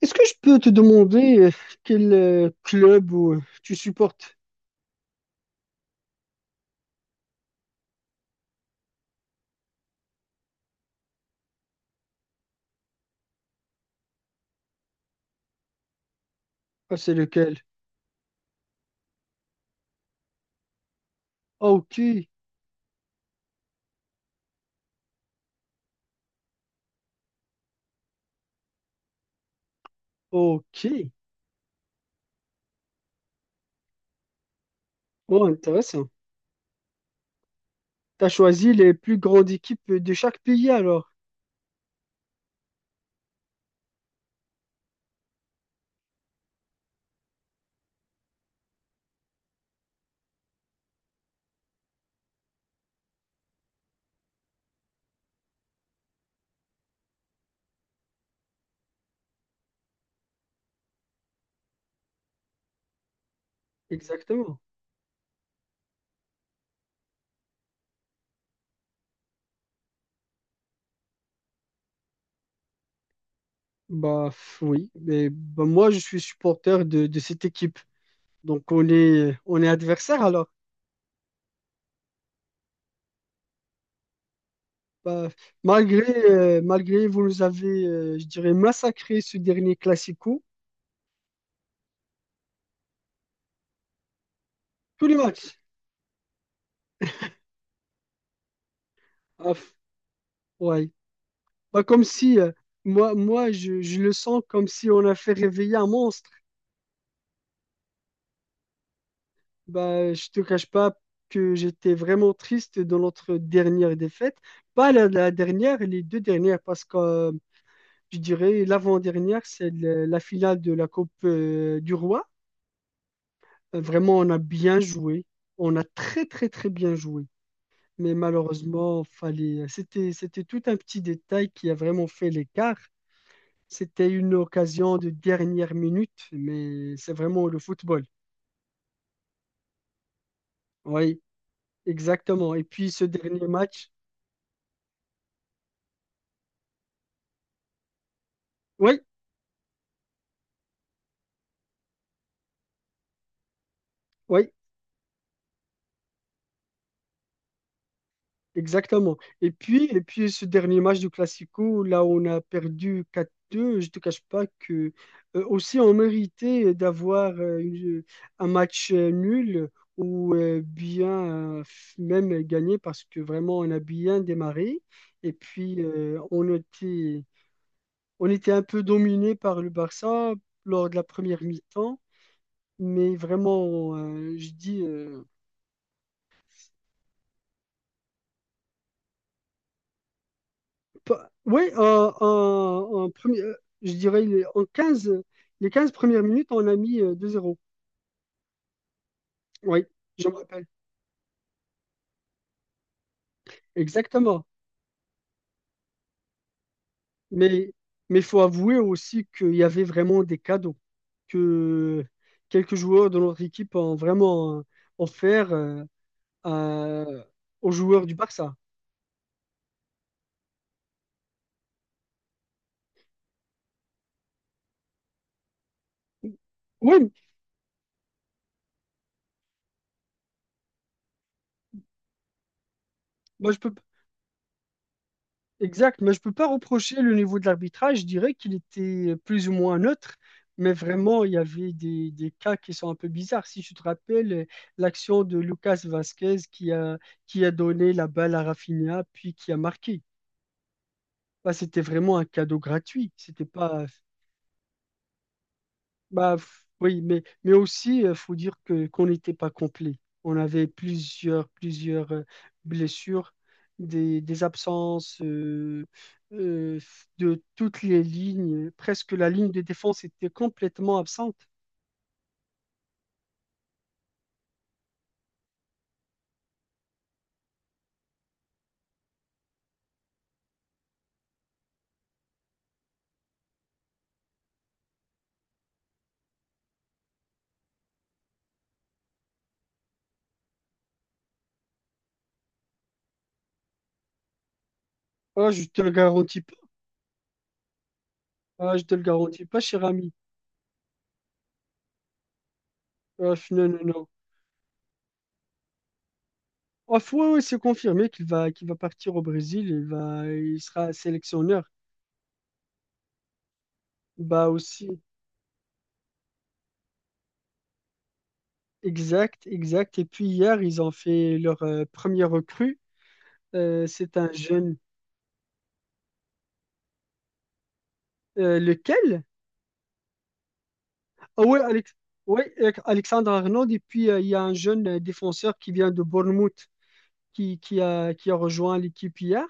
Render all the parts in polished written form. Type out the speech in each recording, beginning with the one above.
Est-ce que je peux te demander quel club tu supportes? Ah, c'est lequel? Ah, Ok, ok. Oh, intéressant. T'as choisi les plus grandes équipes de chaque pays alors? Exactement. Bah, oui, mais bah, moi je suis supporter de cette équipe. Donc on est adversaire alors. Bah, malgré malgré vous nous avez je dirais massacré ce dernier Classico tous les matchs. Ah, ouais. Bah, comme si, moi je le sens comme si on a fait réveiller un monstre. Bah, je te cache pas que j'étais vraiment triste dans notre dernière défaite. Pas la dernière, les deux dernières, parce que je dirais l'avant-dernière, c'est la finale de la Coupe du Roi. Vraiment, on a bien joué. On a très, très, très bien joué. Mais malheureusement, c'était tout un petit détail qui a vraiment fait l'écart. C'était une occasion de dernière minute, mais c'est vraiment le football. Oui, exactement. Et puis ce dernier match, oui, oui, exactement. Et puis ce dernier match du Classico, là où on a perdu 4-2, je ne te cache pas que aussi on méritait d'avoir un match nul ou bien même gagné parce que vraiment on a bien démarré. Et puis on était un peu dominé par le Barça lors de la première mi-temps, mais vraiment, je dis, ouais, en premier, je dirais les 15 premières minutes, on a mis 2-0. Oui, je me rappelle. Exactement. Mais mais faut avouer aussi qu'il y avait vraiment des cadeaux que quelques joueurs de notre équipe ont vraiment offert à- aux joueurs du Barça. Oui, moi je peux. Exact, mais je peux pas reprocher le niveau de l'arbitrage. Je dirais qu'il était plus ou moins neutre, mais vraiment, il y avait des cas qui sont un peu bizarres. Si tu te rappelles l'action de Lucas Vasquez qui a donné la balle à Rafinha, puis qui a marqué. Bah, c'était vraiment un cadeau gratuit. C'était pas, Bah, oui, mais aussi, il faut dire que qu'on n'était pas complet. On avait plusieurs blessures, des absences euh, de toutes les lignes. Presque la ligne de défense était complètement absente. Ah, je te le garantis pas. Ah, je te le garantis pas, cher ami. Ah, non, non, non. Ah, ouais, ouais, c'est confirmé qu'il va partir au Brésil. Il sera sélectionneur. Bah aussi, exact, exact. Et puis hier, ils ont fait leur premier recrue. C'est un jeune. Lequel? Ah oui, ouais, Alexandre Arnold. Et puis, il y a un jeune défenseur qui vient de Bournemouth qui a rejoint l'équipe hier.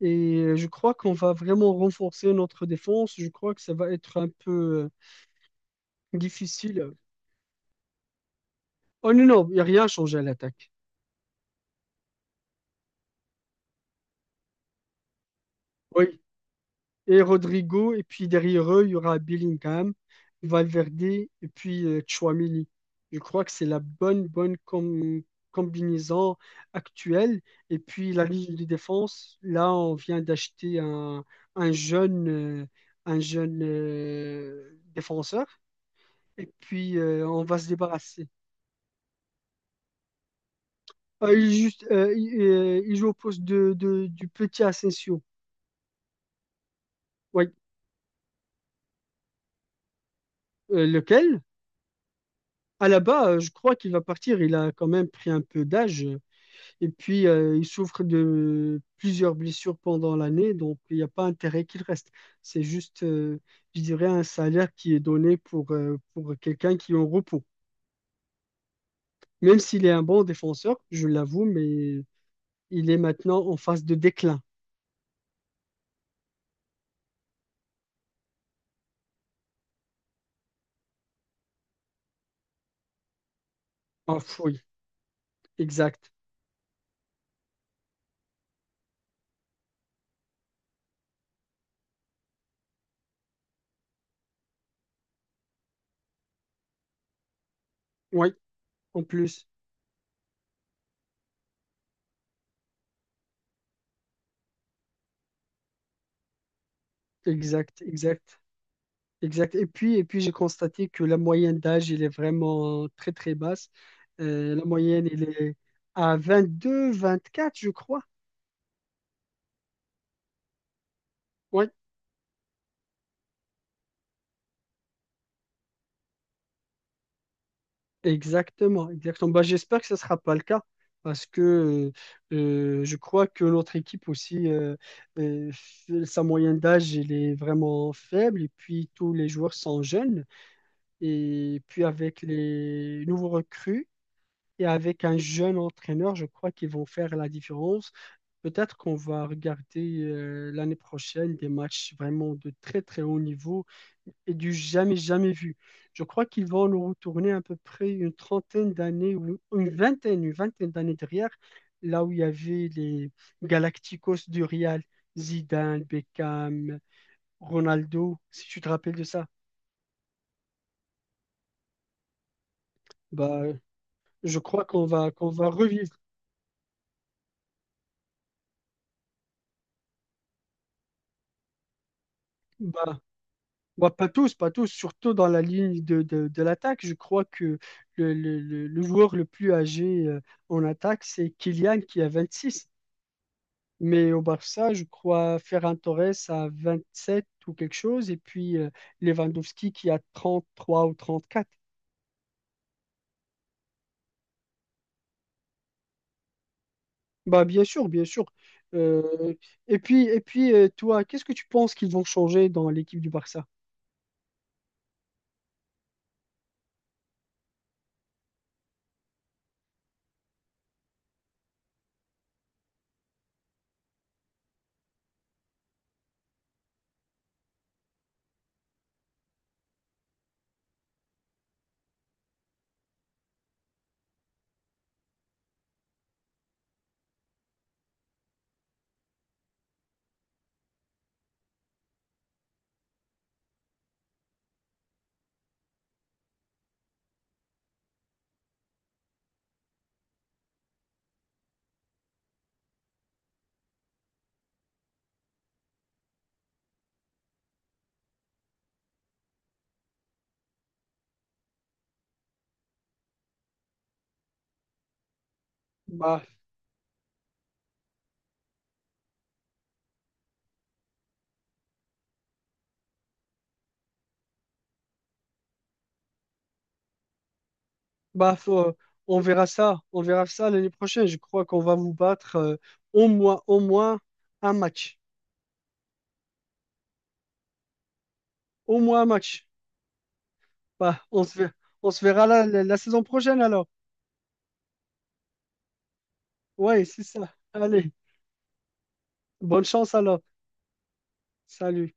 Et je crois qu'on va vraiment renforcer notre défense. Je crois que ça va être un peu difficile. Oh non, non, il n'y a rien changé à l'attaque. Oui, et Rodrigo. Et puis derrière eux, il y aura Bellingham, Valverde et puis Tchouaméni. Je crois que c'est la bonne combinaison actuelle. Et puis la ligne de défense, là, on vient d'acheter un jeune, euh, un jeune défenseur. Et puis, on va se débarrasser. Ah, il, est juste, il joue au poste du petit Asensio. Oui. Lequel? Alaba, je crois qu'il va partir. Il a quand même pris un peu d'âge. Et puis, il souffre de plusieurs blessures pendant l'année. Donc, il n'y a pas intérêt qu'il reste. C'est juste, je dirais, un salaire qui est donné pour quelqu'un qui est en repos. Même s'il est un bon défenseur, je l'avoue, mais il est maintenant en phase de déclin. Ah, oui, exact. Oui, en plus. Exact, exact. Exact. Et puis, j'ai constaté que la moyenne d'âge, elle est vraiment très, très basse. La moyenne, elle est à 22, 24, je crois. Oui, exactement. Exactement. Bah, j'espère que ce ne sera pas le cas parce que je crois que notre équipe aussi, sa moyenne d'âge, elle est vraiment faible. Et puis, tous les joueurs sont jeunes. Et puis, avec les nouveaux recrues, et avec un jeune entraîneur, je crois qu'ils vont faire la différence. Peut-être qu'on va regarder l'année prochaine des matchs vraiment de très très haut niveau et du jamais jamais vu. Je crois qu'ils vont nous retourner à peu près une trentaine d'années ou une vingtaine d'années derrière, là où il y avait les Galacticos du Real, Zidane, Beckham, Ronaldo, si tu te rappelles de ça. Bah, je crois qu'on va revivre. Bah, Bah, pas tous, pas tous, surtout dans la ligne de l'attaque. Je crois que le joueur le plus âgé en attaque, c'est Kylian qui a 26. Mais au Barça, je crois Ferran Torres a 27 ou quelque chose, et puis Lewandowski qui a 33 ou 34. Bah, bien sûr, bien sûr. Euh, et puis, toi, qu'est-ce que tu penses qu'ils vont changer dans l'équipe du Barça? Bah, bah, on verra ça. On verra ça l'année prochaine. Je crois qu'on va vous battre au moins un match. Au moins un match. Bah, on se verra la saison prochaine alors. Ouais, c'est ça. Allez, bonne chance alors. Salut.